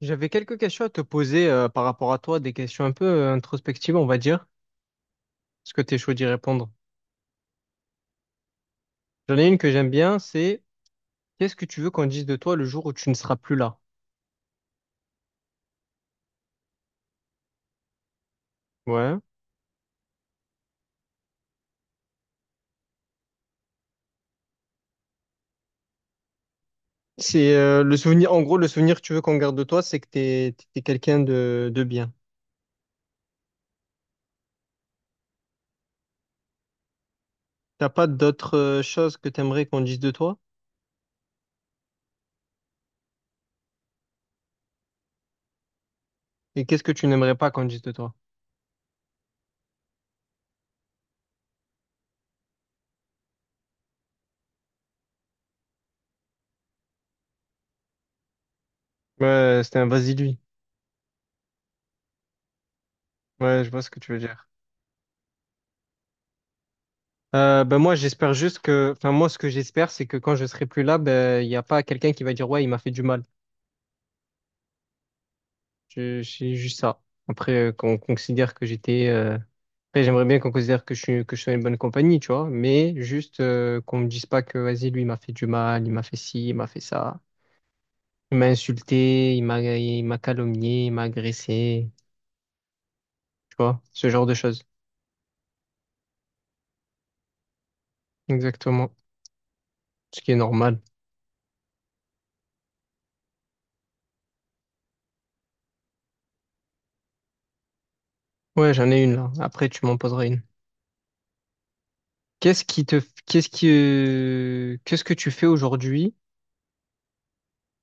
J'avais quelques questions à te poser par rapport à toi, des questions un peu introspectives, on va dire. Est-ce que tu es chaud d'y répondre? J'en ai une que j'aime bien, c'est qu'est-ce que tu veux qu'on dise de toi le jour où tu ne seras plus là? Ouais. C'est le souvenir, en gros, le souvenir que tu veux qu'on garde de toi, c'est que t'es quelqu'un de bien. T'as pas d'autres choses que t'aimerais qu'on dise de toi? Et qu'est-ce que tu n'aimerais pas qu'on dise de toi? Ouais, c'était un vas-y lui. Ouais, je vois ce que tu veux dire. Ben moi, j'espère juste que, enfin moi, ce que j'espère, c'est que quand je serai plus là, ben il n'y a pas quelqu'un qui va dire ouais, il m'a fait du mal. Je, c'est juste ça. Après, qu'on considère que j'étais. Après, j'aimerais bien qu'on considère que je suis dans une bonne compagnie, tu vois. Mais juste qu'on me dise pas que, vas-y, lui, il m'a fait du mal, il m'a fait ci, il m'a fait ça. Il m'a insulté, il m'a calomnié, il m'a agressé. Tu vois, ce genre de choses. Exactement. Ce qui est normal. Ouais, j'en ai une là. Après, tu m'en poseras une. Qu'est-ce que tu fais aujourd'hui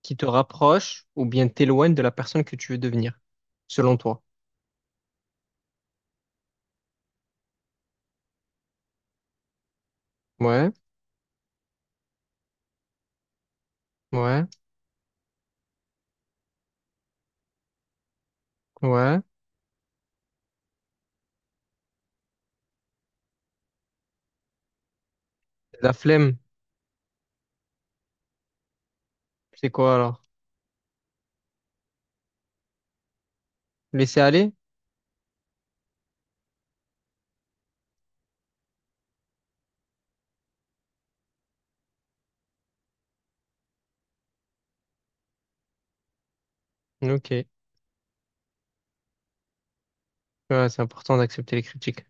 qui te rapproche ou bien t'éloigne de la personne que tu veux devenir, selon toi? Ouais. Ouais, ouais. La flemme, c'est quoi alors? Laisser aller? Ok. Ouais, c'est important d'accepter les critiques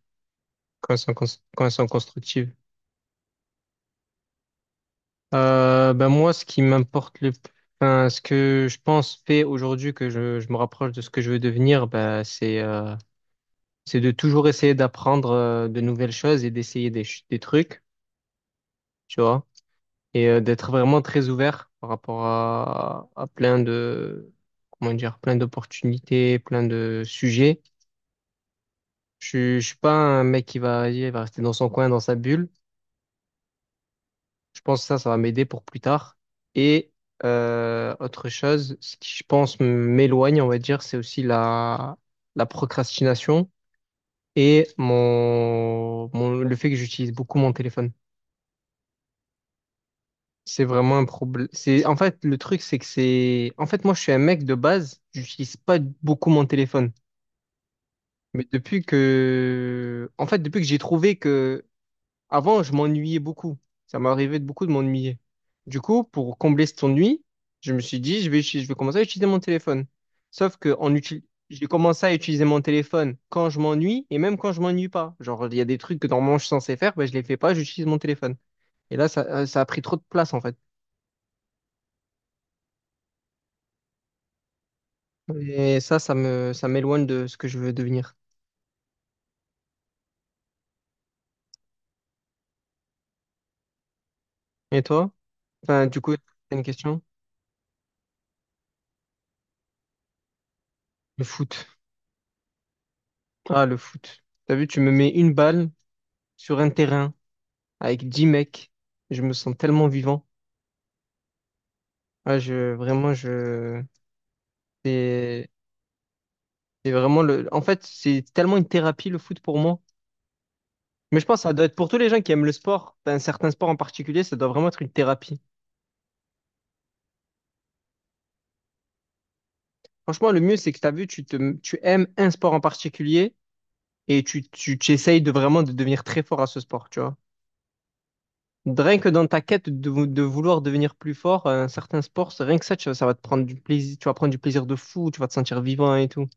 quand elles quand elles sont constructives. Ben moi, ce qui m'importe le plus, enfin, ce que je pense fait aujourd'hui que je me rapproche de ce que je veux devenir, ben, c'est de toujours essayer d'apprendre de nouvelles choses et d'essayer des trucs, tu vois, et d'être vraiment très ouvert par rapport à plein comment dire, plein d'opportunités, plein de sujets. Je suis pas un mec qui va, vas-y, il va rester dans son coin, dans sa bulle. Je pense que ça va m'aider pour plus tard. Et autre chose, ce qui, je pense, m'éloigne, on va dire, c'est aussi la procrastination et le fait que j'utilise beaucoup mon téléphone. C'est vraiment un problème. C'est, en fait, le truc, c'est que c'est, en fait, moi, je suis un mec de base, j'utilise pas beaucoup mon téléphone. Mais depuis que, en fait, depuis que j'ai trouvé que avant, je m'ennuyais beaucoup. Ça m'arrivait de beaucoup de m'ennuyer. Du coup, pour combler cet ennui, je me suis dit, je vais commencer à utiliser mon téléphone. Sauf que en util- j'ai commencé à utiliser mon téléphone quand je m'ennuie et même quand je m'ennuie pas. Genre, il y a des trucs que normalement je suis censé faire, ben, je les fais pas, j'utilise mon téléphone. Et là, ça, ça a pris trop de place en fait. Et ça, ça m'éloigne de ce que je veux devenir. Et toi? Enfin, du coup, t'as une question? Le foot. Ah, le foot. T'as vu, tu me mets une balle sur un terrain, avec 10 mecs. Je me sens tellement vivant. Ouais, je, vraiment, je, c'est en fait, c'est tellement une thérapie le foot pour moi. Mais je pense que ça doit être pour tous les gens qui aiment le sport, un certain sport en particulier, ça doit vraiment être une thérapie. Franchement, le mieux, c'est que tu as vu, tu aimes un sport en particulier et tu essayes de vraiment de devenir très fort à ce sport, tu vois. Rien que dans ta quête de vouloir devenir plus fort, à un certain sport, c'est rien que ça, tu vois, ça va te prendre du plaisir, tu vas prendre du plaisir de fou, tu vas te sentir vivant et tout.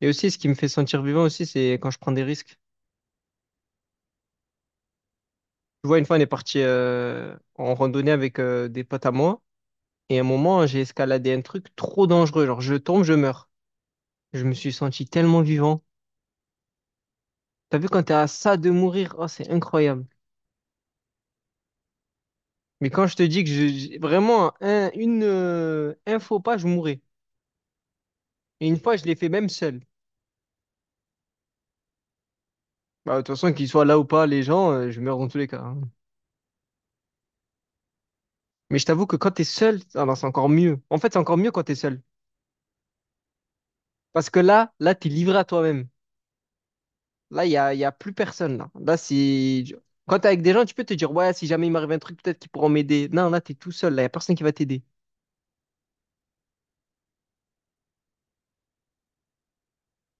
Et aussi, ce qui me fait sentir vivant aussi, c'est quand je prends des risques. Tu vois, une fois, on est parti en randonnée avec des potes à moi. Et à un moment, j'ai escaladé un truc trop dangereux. Genre, je tombe, je meurs. Je me suis senti tellement vivant. T'as vu quand t'es à ça de mourir, oh, c'est incroyable. Mais quand je te dis que vraiment, un faux pas, je mourrais. Et une fois, je l'ai fait même seul. Bah, de toute façon, qu'ils soient là ou pas, les gens, je meurs dans tous les cas, hein. Mais je t'avoue que quand t'es seul, ah non, c'est encore mieux. En fait, c'est encore mieux quand t'es seul. Parce que là, t'es livré à toi-même. Là, il y a plus personne. Là, là si... Quand tu avec des gens, tu peux te dire, ouais, si jamais il m'arrive un truc, peut-être qu'ils pourront m'aider. Non, là, tu es tout seul. Là, il n'y a personne qui va t'aider.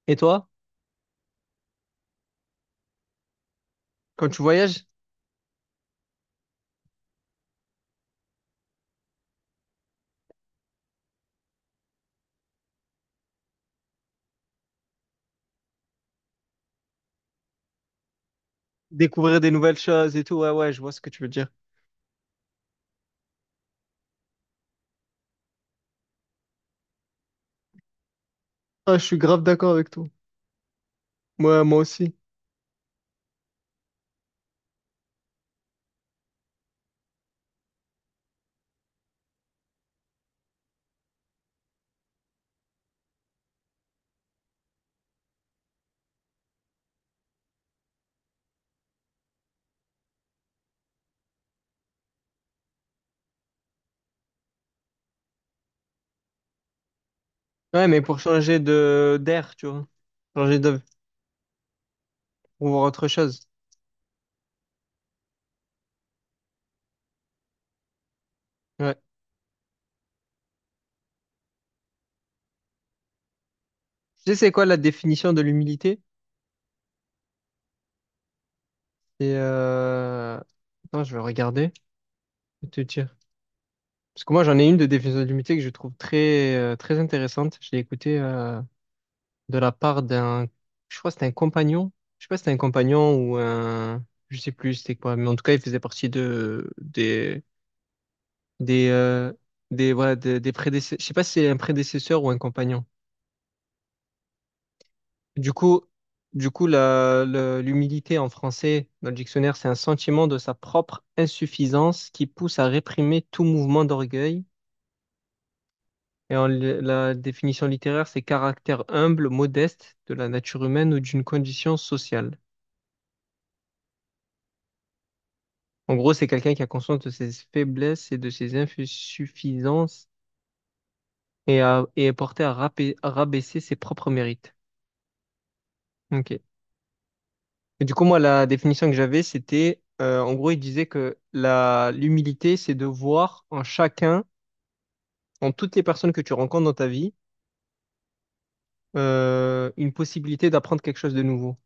Et toi, quand tu voyages, découvrir des nouvelles choses et tout, ouais, ouais, je vois ce que tu veux dire. Ah, je suis grave d'accord avec toi. Ouais, moi aussi. Ouais, mais pour changer de d'air, tu vois. Changer de... pour voir autre chose. Ouais. Tu sais, c'est quoi la définition de l'humilité? et Euh... Attends, je vais regarder. Je vais te dire. Parce que moi, j'en ai une de définition de l'humilité que je trouve très intéressante. Je l'ai écoutée, de la part je crois que c'était un compagnon, je sais pas si c'était un compagnon ou un, je sais plus c'était quoi, mais en tout cas il faisait partie de des euh, des voilà des prédécesseurs, je sais pas si c'est un prédécesseur ou un compagnon. Du coup, du coup, l'humilité en français dans le dictionnaire c'est un sentiment de sa propre insuffisance qui pousse à réprimer tout mouvement d'orgueil. Et la définition littéraire, c'est caractère humble, modeste de la nature humaine ou d'une condition sociale. En gros, c'est quelqu'un qui a conscience de ses faiblesses et de ses insuffisances et est porté à rabaisser ses propres mérites. Ok. Et du coup, moi, la définition que j'avais, c'était, en gros, il disait que l'humilité, c'est de voir en chacun, en toutes les personnes que tu rencontres dans ta vie, une possibilité d'apprendre quelque chose de nouveau.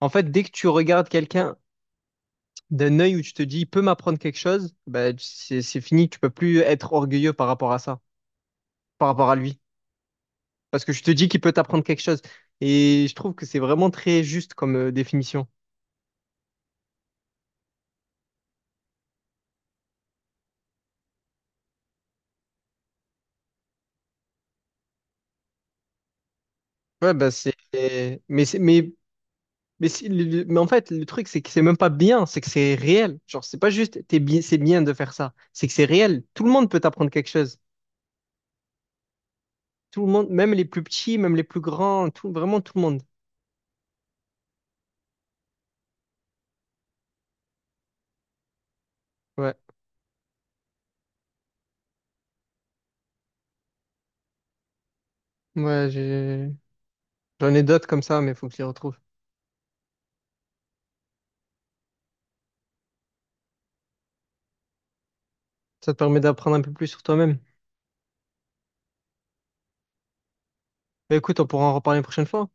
En fait, dès que tu regardes quelqu'un d'un œil où tu te dis, il peut m'apprendre quelque chose, bah, c'est fini, tu peux plus être orgueilleux par rapport à ça, par rapport à lui. Parce que je te dis qu'il peut t'apprendre quelque chose. Et je trouve que c'est vraiment très juste comme définition. Ouais, bah c'est. Mais, c'est- mais, mais en fait, le truc, c'est que c'est même pas bien, c'est que c'est réel. Genre, c'est pas juste, t'es bien, c'est bien de faire ça. C'est que c'est réel. Tout le monde peut t'apprendre quelque chose. Tout le monde, même les plus petits, même les plus grands, tout, vraiment tout le monde. Ouais. Ouais, j'ai- j'en ai d'autres comme ça, mais faut que je les retrouve. Ça te permet d'apprendre un peu plus sur toi-même. Bah, écoute, on pourra en reparler une prochaine fois.